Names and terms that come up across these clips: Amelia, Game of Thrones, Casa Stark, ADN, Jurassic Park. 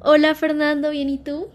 Hola Fernando, ¿bien y tú?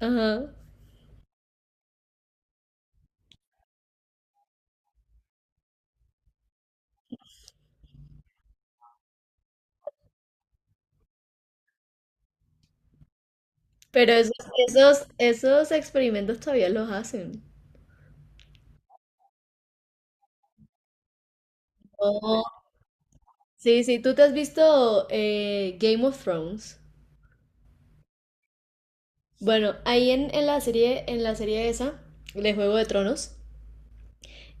Ajá. Pero esos, esos experimentos todavía los hacen. Oh. Sí, sí, tú te has visto Game of Thrones. Bueno, ahí en la serie esa, de Juego de Tronos,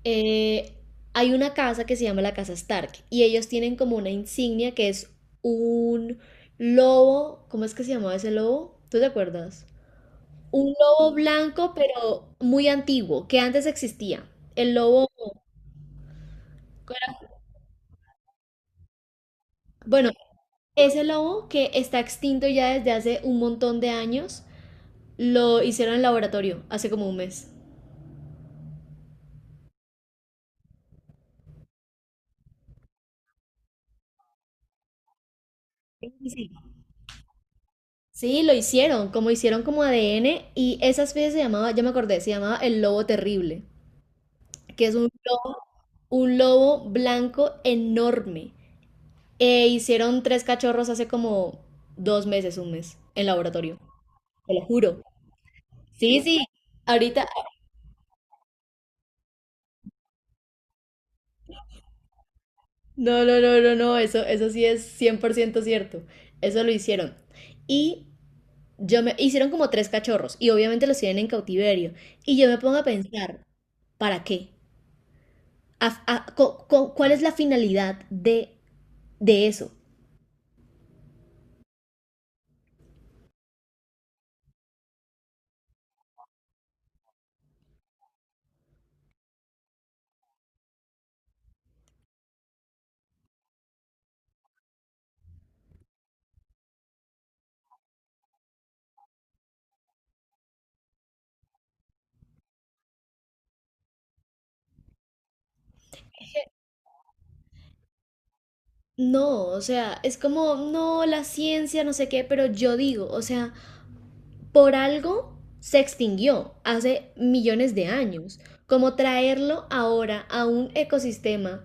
eh, hay una casa que se llama la Casa Stark y ellos tienen como una insignia que es un lobo. ¿Cómo es que se llamaba ese lobo? ¿Tú te acuerdas? Un lobo blanco, pero muy antiguo, que antes existía. El lobo, bueno, ese lobo que está extinto ya desde hace un montón de años, lo hicieron en laboratorio hace como un mes. Sí, sí. Sí, lo hicieron como ADN, y esa especie se llamaba, ya me acordé, se llamaba el lobo terrible, que es un lobo blanco enorme. E hicieron tres cachorros hace como dos meses, un mes, en laboratorio, te lo juro. Sí, sí, ahorita. No, no, no, no, no, eso sí es 100% cierto. Eso lo hicieron. Y yo me hicieron como tres cachorros y obviamente los tienen en cautiverio. Y yo me pongo a pensar, ¿para qué? ¿Cuál es la finalidad de eso? No, o sea, es como, no, la ciencia, no sé qué, pero yo digo, o sea, por algo se extinguió hace millones de años. Como traerlo ahora a un ecosistema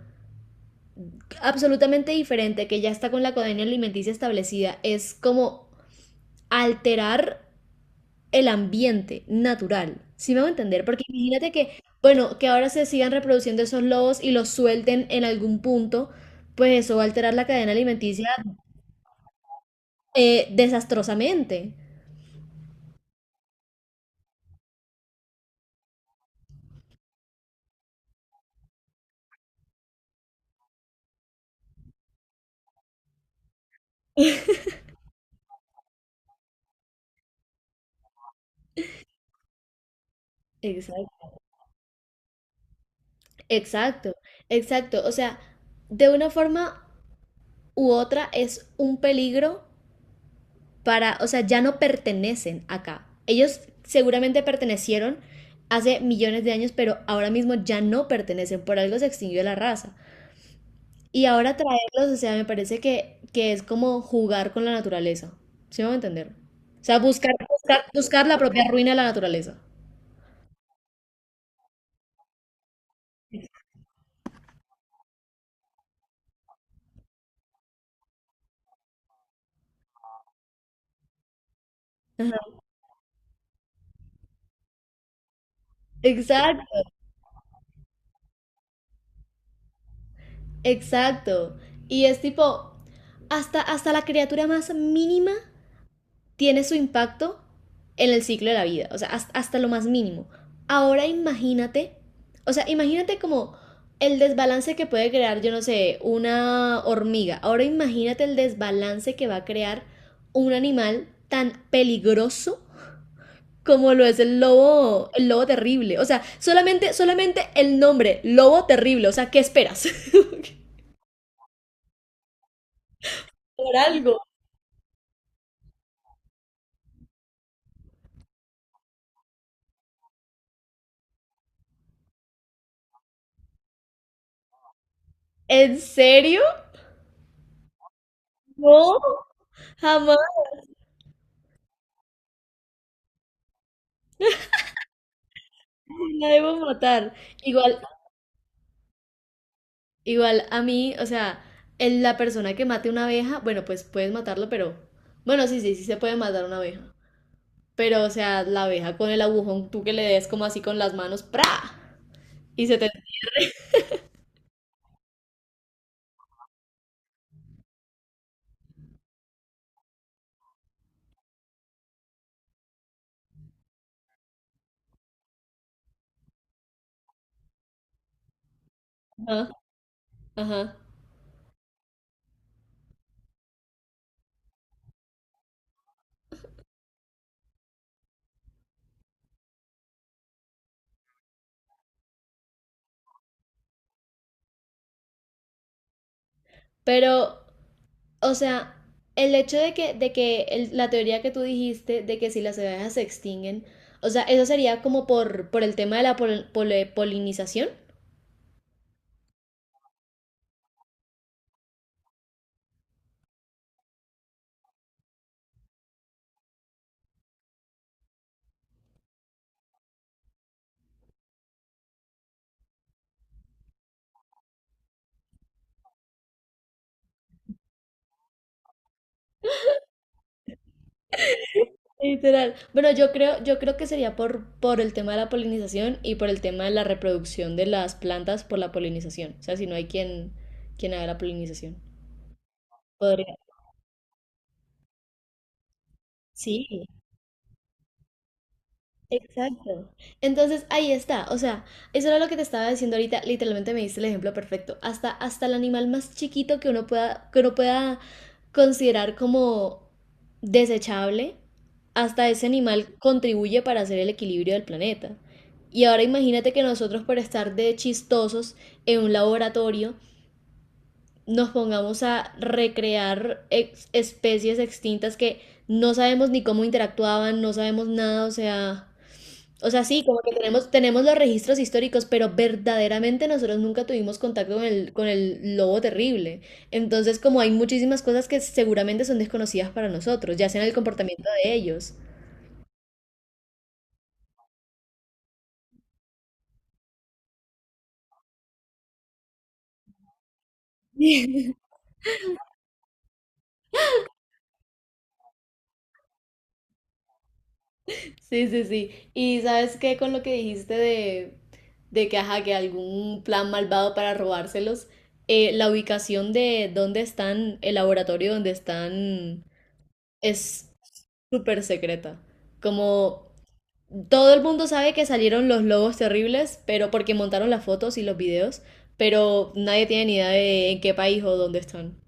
absolutamente diferente que ya está con la codenia alimenticia establecida, es como alterar el ambiente natural. ¿Sí me va a entender? Porque imagínate que, bueno, que ahora se sigan reproduciendo esos lobos y los suelten en algún punto, pues eso va a alterar la cadena alimenticia desastrosamente. Exacto. Exacto, exacto. O sea, de una forma u otra es un peligro para, o sea, ya no pertenecen acá. Ellos seguramente pertenecieron hace millones de años, pero ahora mismo ya no pertenecen, por algo se extinguió la raza. Y ahora traerlos, o sea, me parece que es como jugar con la naturaleza. ¿Sí me va a entender? O sea, buscar, buscar, buscar la propia ruina de la naturaleza. Ajá. Exacto, exacto. Y es tipo, hasta, hasta la criatura más mínima tiene su impacto en el ciclo de la vida, o sea, hasta lo más mínimo. Ahora imagínate, o sea, imagínate como el desbalance que puede crear, yo no sé, una hormiga. Ahora imagínate el desbalance que va a crear un animal tan peligroso como lo es el lobo terrible. O sea, solamente, solamente el nombre, lobo terrible. O sea, ¿qué esperas? Por algo. ¿En serio? No, jamás. La debo matar. Igual, igual a mí, o sea, la persona que mate una abeja, bueno, pues puedes matarlo, pero... Bueno, sí, sí, sí se puede matar una abeja. Pero, o sea, la abeja con el agujón, tú que le des como así con las manos, ¡pra! Y se te... Ajá, ajá. Pero, o sea, el hecho de que la teoría que tú dijiste de que si las abejas se extinguen, o sea, eso sería como por el tema de la polinización. Literal. Bueno, yo creo que sería por el tema de la polinización y por el tema de la reproducción de las plantas por la polinización. O sea, si no hay quien, quien haga la polinización. Podría. Sí. Exacto. Entonces ahí está, o sea, eso era lo que te estaba diciendo ahorita, literalmente me diste el ejemplo perfecto. Hasta, hasta el animal más chiquito que uno pueda considerar como desechable, hasta ese animal contribuye para hacer el equilibrio del planeta. Y ahora imagínate que nosotros por estar de chistosos en un laboratorio nos pongamos a recrear especies extintas que no sabemos ni cómo interactuaban, no sabemos nada, o sea... O sea, sí, como que tenemos, tenemos los registros históricos, pero verdaderamente nosotros nunca tuvimos contacto con el lobo terrible. Entonces, como hay muchísimas cosas que seguramente son desconocidas para nosotros, ya sea en el comportamiento de ellos. Sí, sí, sí. Y sabes qué, con lo que dijiste de que, ajá, que algún plan malvado para robárselos, la ubicación de dónde están, el laboratorio donde están, es súper secreta. Como todo el mundo sabe que salieron los lobos terribles, pero porque montaron las fotos y los videos, pero nadie tiene ni idea de en qué país o dónde están.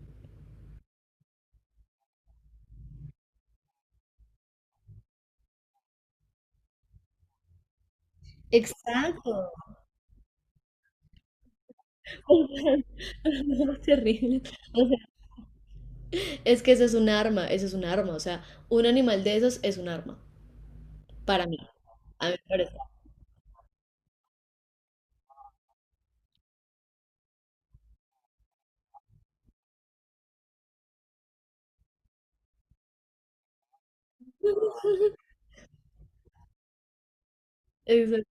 Exacto. No, es terrible. O sea, es que ese es un arma, ese es un arma. O sea, un animal de esos es un arma. Para mí. A mí me parece. Eso, es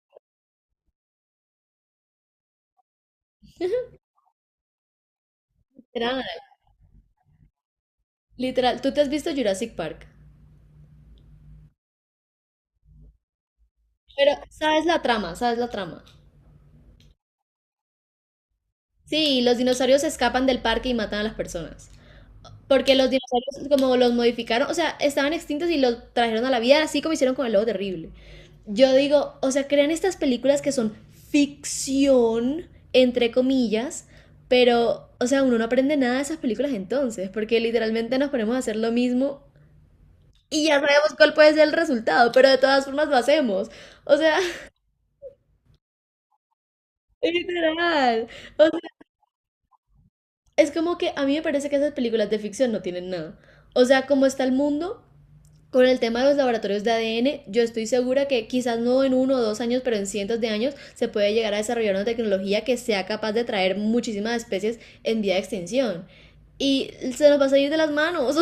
literal, literal. Tú te has visto Jurassic Park. Pero sabes la trama, sabes la trama. Sí, los dinosaurios escapan del parque y matan a las personas. Porque los dinosaurios, como los modificaron, o sea, estaban extintos y los trajeron a la vida, así como hicieron con el lobo terrible. Yo digo, o sea, crean estas películas que son ficción, entre comillas, pero, o sea, uno no aprende nada de esas películas entonces, porque literalmente nos ponemos a hacer lo mismo y ya sabemos cuál puede ser el resultado, pero de todas formas lo hacemos. O sea, literal. O sea, es como que a mí me parece que esas películas de ficción no tienen nada. O sea, como está el mundo, con el tema de los laboratorios de ADN, yo estoy segura que quizás no en uno o dos años, pero en cientos de años se puede llegar a desarrollar una tecnología que sea capaz de traer muchísimas especies en vía de extinción. Y se nos va a salir de las manos.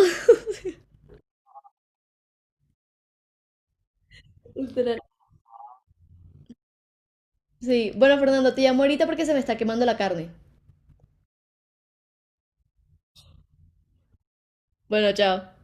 Literal. Sí, bueno, Fernando, te llamo ahorita porque se me está quemando la carne. Bueno, chao.